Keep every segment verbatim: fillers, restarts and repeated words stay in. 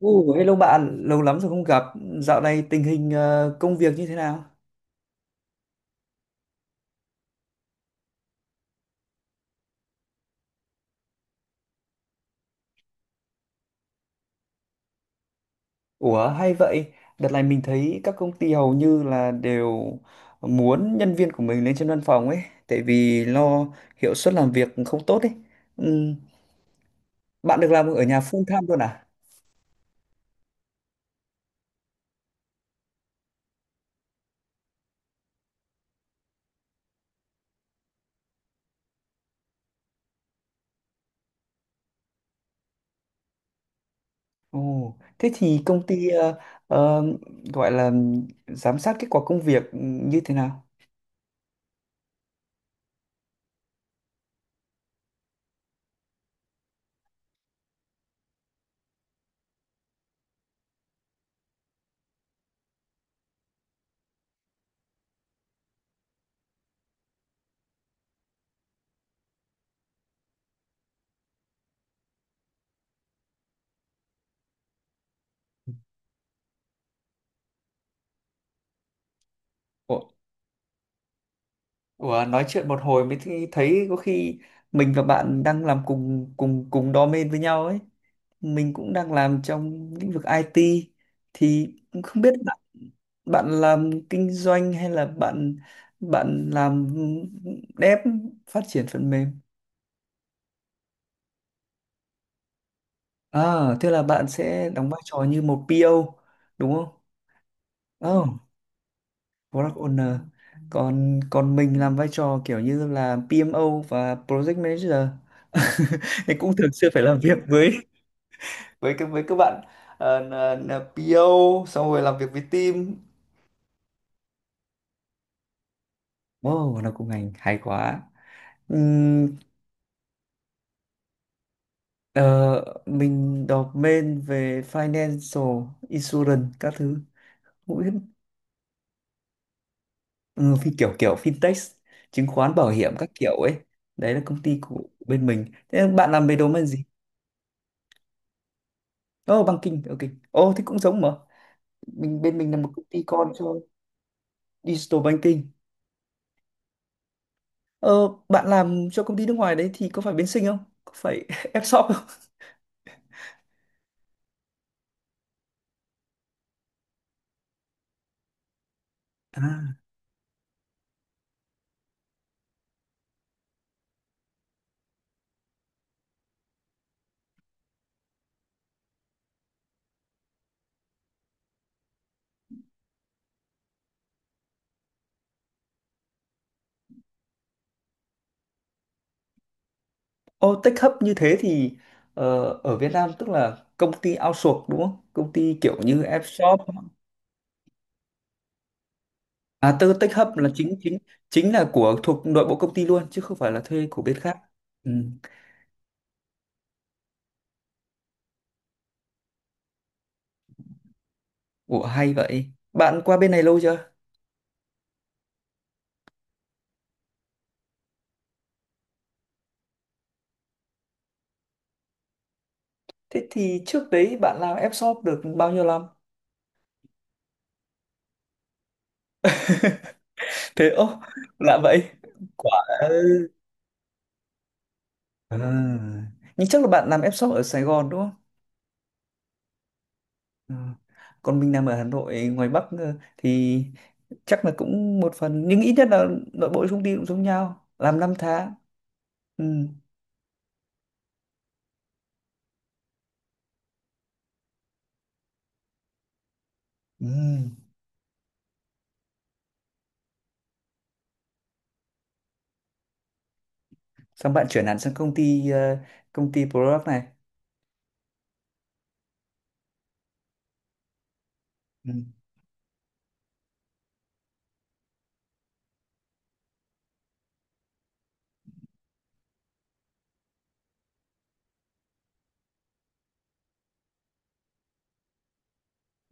Ồ, hello bạn, lâu lắm rồi không gặp. Dạo này tình hình ờ, công việc như thế nào? Ủa, hay vậy. Đợt này mình thấy các công ty hầu như là đều muốn nhân viên của mình lên trên văn phòng ấy, tại vì lo hiệu suất làm việc không tốt ấy. Ừm, Bạn được làm ở nhà full time luôn à? Ồ, thế thì công ty ờ, ờ, gọi là giám sát kết quả công việc như thế nào? Ủa, Ủa, nói chuyện một hồi mới thi- thấy có khi mình và bạn đang làm cùng cùng cùng đam mê với nhau ấy. Mình cũng đang làm trong lĩnh vực i tê thì cũng không biết bạn, bạn làm kinh doanh hay là bạn bạn làm dev phát triển phần mềm. À, thế là bạn sẽ đóng vai trò như một pê ô đúng không? Oh, product owner. Còn còn mình làm vai trò kiểu như là pê em ô và project manager. Thì cũng thường xuyên phải làm việc với với các với các bạn ờ, là- là pê ô xong rồi làm việc với team. Wow, nó cũng ngành hay quá. Ừm, ờ, mình đọc main về financial insurance các thứ. Cũng biết. Ừ, phi kiểu kiểu fintech, chứng khoán bảo hiểm các kiểu ấy. Đấy là công ty của bên mình. Thế bạn làm về domain gì? Ồ, oh, banking, ok. Ồ, oh, thế cũng giống mà. Mình bên mình là một công ty con cho digital banking. Ờ, bạn làm cho công ty nước ngoài đấy thì có phải bên Sinh không? Có phải F-shop không? À. Ô, tech hub như thế thì ờ, ở Việt Nam tức là công ty outsource đúng không? Công ty kiểu như Fshop. À, tư tech hub là chính chính chính là của thuộc nội bộ công ty luôn chứ không phải là thuê của bên khác. Ừ. Ủa, hay vậy. Bạn qua bên này lâu chưa? Thế thì trước đấy bạn làm Fshop được bao nhiêu năm? Thế ô, lạ vậy. Quả à. Nhưng chắc là bạn làm Fshop ở Sài Gòn đúng không? Ừ. Còn mình làm ở Hà Nội ngoài Bắc ờ, thì chắc là cũng một phần nhưng ít nhất là nội bộ công ty cũng giống nhau làm năm tháng. Ừ. Ừ. Xong bạn chuyển hẳn sang công ty ờ, công ty product này. Ừ.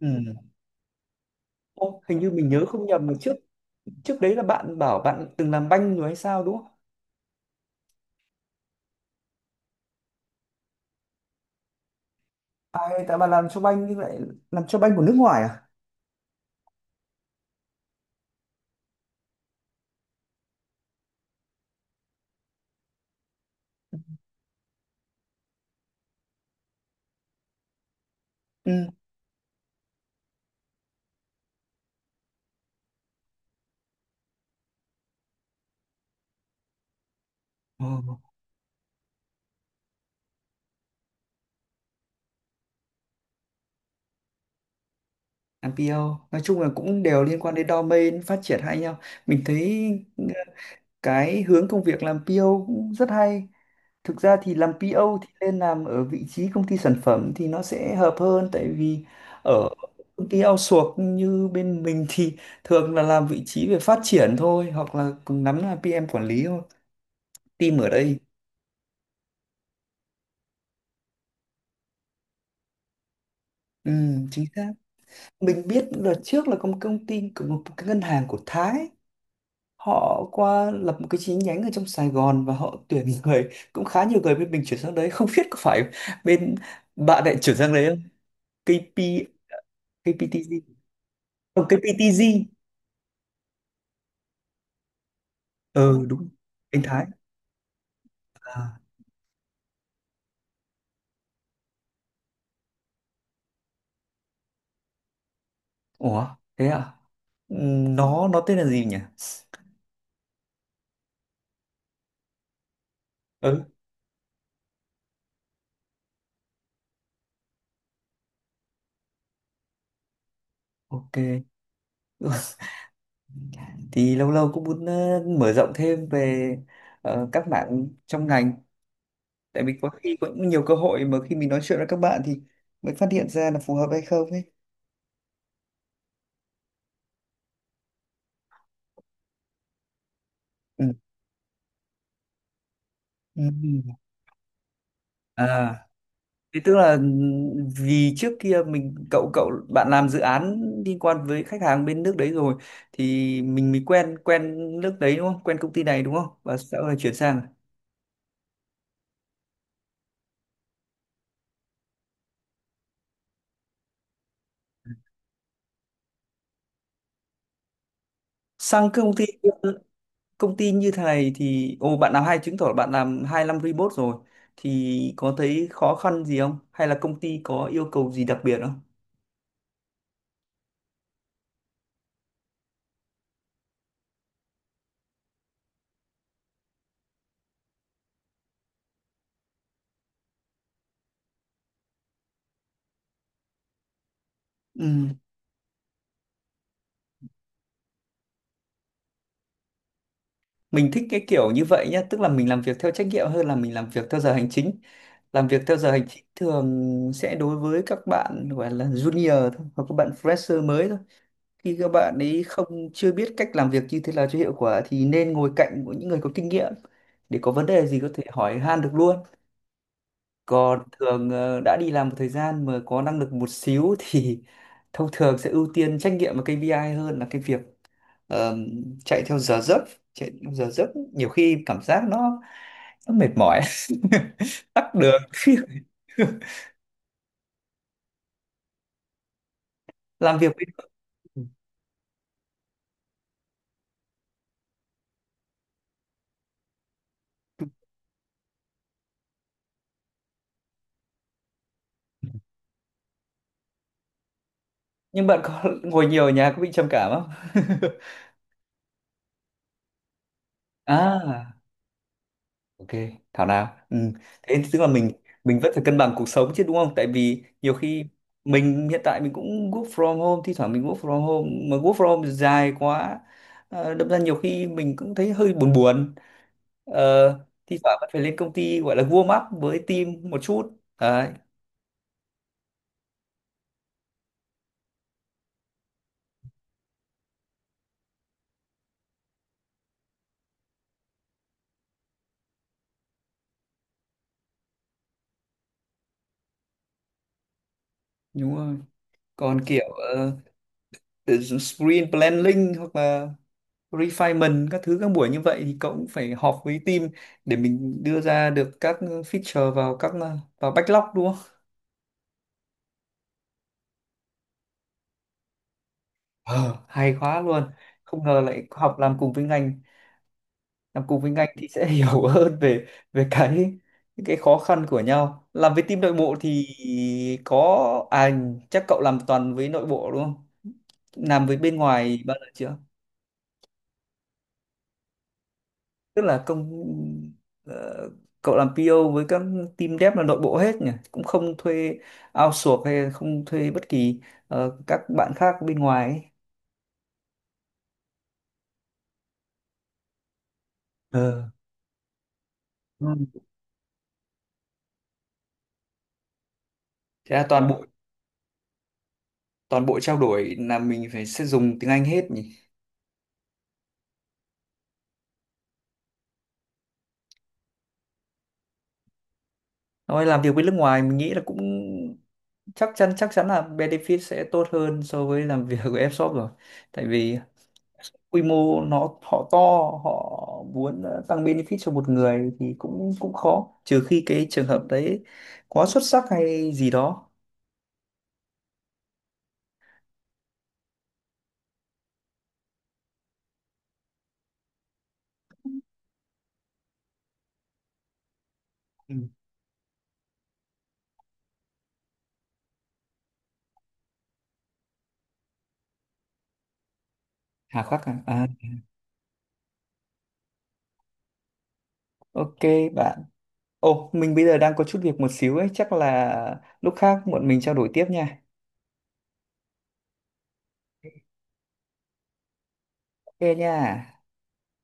Ừ. Ô, hình như mình nhớ không nhầm mà trước trước đấy là bạn bảo bạn từng làm banh rồi hay sao đúng không? À, tại bạn làm cho banh nhưng lại làm cho banh của nước ngoài à? Ừ. Ồ, làm pê ô nói chung là cũng đều liên quan đến domain phát triển hay nhau. Mình thấy cái hướng công việc làm pê ô cũng rất hay. Thực ra thì làm pê ô thì nên làm ở vị trí công ty sản phẩm thì nó sẽ hợp hơn, tại vì ở công ty outsource như bên mình thì thường là làm vị trí về phát triển thôi hoặc là cùng lắm là pê em quản lý thôi team ở đây. Ừ, chính xác. Mình biết đợt trước là có một công ty của một cái ngân hàng của Thái, họ qua lập một cái chi nhánh ở trong Sài Gòn và họ tuyển người cũng khá nhiều, người bên mình chuyển sang đấy không biết có phải bên bạn lại chuyển sang đấy. ca pê ca pê tê giê. Không, ca pê tê giê. Ừ, đúng, anh Thái. À, ủa thế à. Ừm, nó nó tên là gì nhỉ? Ừ. Ok. Thì lâu lâu cũng muốn ờ, mở rộng thêm về ờ, các bạn trong ngành, tại vì có khi cũng nhiều cơ hội mà khi mình nói chuyện với các bạn thì mới phát hiện ra là phù hợp hay không ấy. Ừ. Ừ. À, thì tức là ừ, vì trước kia mình cậu cậu bạn làm dự án liên quan với khách hàng bên nước đấy rồi, thì mình mới quen quen nước đấy đúng không? Quen công ty này đúng không? Và sau này chuyển sang sang cái công ty công ty như thế này thì ồ, bạn làm hay, chứng tỏ là bạn làm hai năm remote rồi thì có thấy khó khăn gì không? Hay là công ty có yêu cầu gì đặc biệt không? Ừ. Mình thích cái kiểu như vậy nhá, tức là mình làm việc theo trách nhiệm hơn là mình làm việc theo giờ hành chính. Làm việc theo giờ hành chính thường sẽ đối với các bạn gọi là junior thôi hoặc các bạn fresher mới thôi, khi các bạn ấy không chưa biết cách làm việc như thế nào cho hiệu quả thì nên ngồi cạnh của những người có kinh nghiệm để có vấn đề gì có thể hỏi han được luôn. Còn thường ờ, đã đi làm một thời gian mà có năng lực một xíu thì thông thường sẽ ưu tiên trách nhiệm và kê pi ai hơn là cái việc. Ờ, chạy theo giờ giấc. Chạy theo giờ giấc nhiều khi cảm giác nó, nó mệt mỏi. Tắc đường. Làm việc với. Nhưng bạn có ngồi nhiều ở nhà có bị trầm cảm không? À. Ok, thảo nào. Ừ. Thế tức là mình mình vẫn phải cân bằng cuộc sống chứ đúng không? Tại vì nhiều khi mình hiện tại mình cũng work from home, thi thoảng mình work from home mà work from home dài quá. Ờ, đâm ra nhiều khi mình cũng thấy hơi buồn buồn. Ờ, thi thoảng vẫn phải lên công ty gọi là warm up với team một chút. Đấy, đúng rồi. Còn kiểu ờ, sprint planning hoặc là refinement các thứ các buổi như vậy thì cậu cũng phải họp với team để mình đưa ra được các feature vào các vào backlog đúng không? Ờ, hay quá luôn. Không ngờ lại học làm cùng với ngành, làm cùng với ngành thì sẽ hiểu hơn về về cái cái khó khăn của nhau. Làm với team nội bộ thì có à, chắc cậu làm toàn với nội bộ đúng không? Làm với bên ngoài bao giờ chưa? Tức là công ờ, cậu làm pê ô với các team dev là nội bộ hết nhỉ, cũng không thuê outsource hay không thuê bất kỳ ờ, các bạn khác bên ngoài ấy. Ờ. Ừ. Thế là toàn bộ toàn bộ trao đổi là mình phải sẽ dùng tiếng Anh hết nhỉ? Nói làm việc với nước ngoài mình nghĩ là cũng chắc chắn chắc chắn là benefit sẽ tốt hơn so với làm việc với Fshop rồi, tại vì quy mô nó họ to, họ muốn ờ, tăng benefit cho một người thì cũng cũng khó trừ khi cái trường hợp đấy quá xuất sắc hay gì đó. Ừ. Hà khắc à? À, ok bạn. Ồ, mình bây giờ đang có chút việc một xíu ấy, chắc là lúc khác bọn mình trao đổi tiếp nha. Ok nha.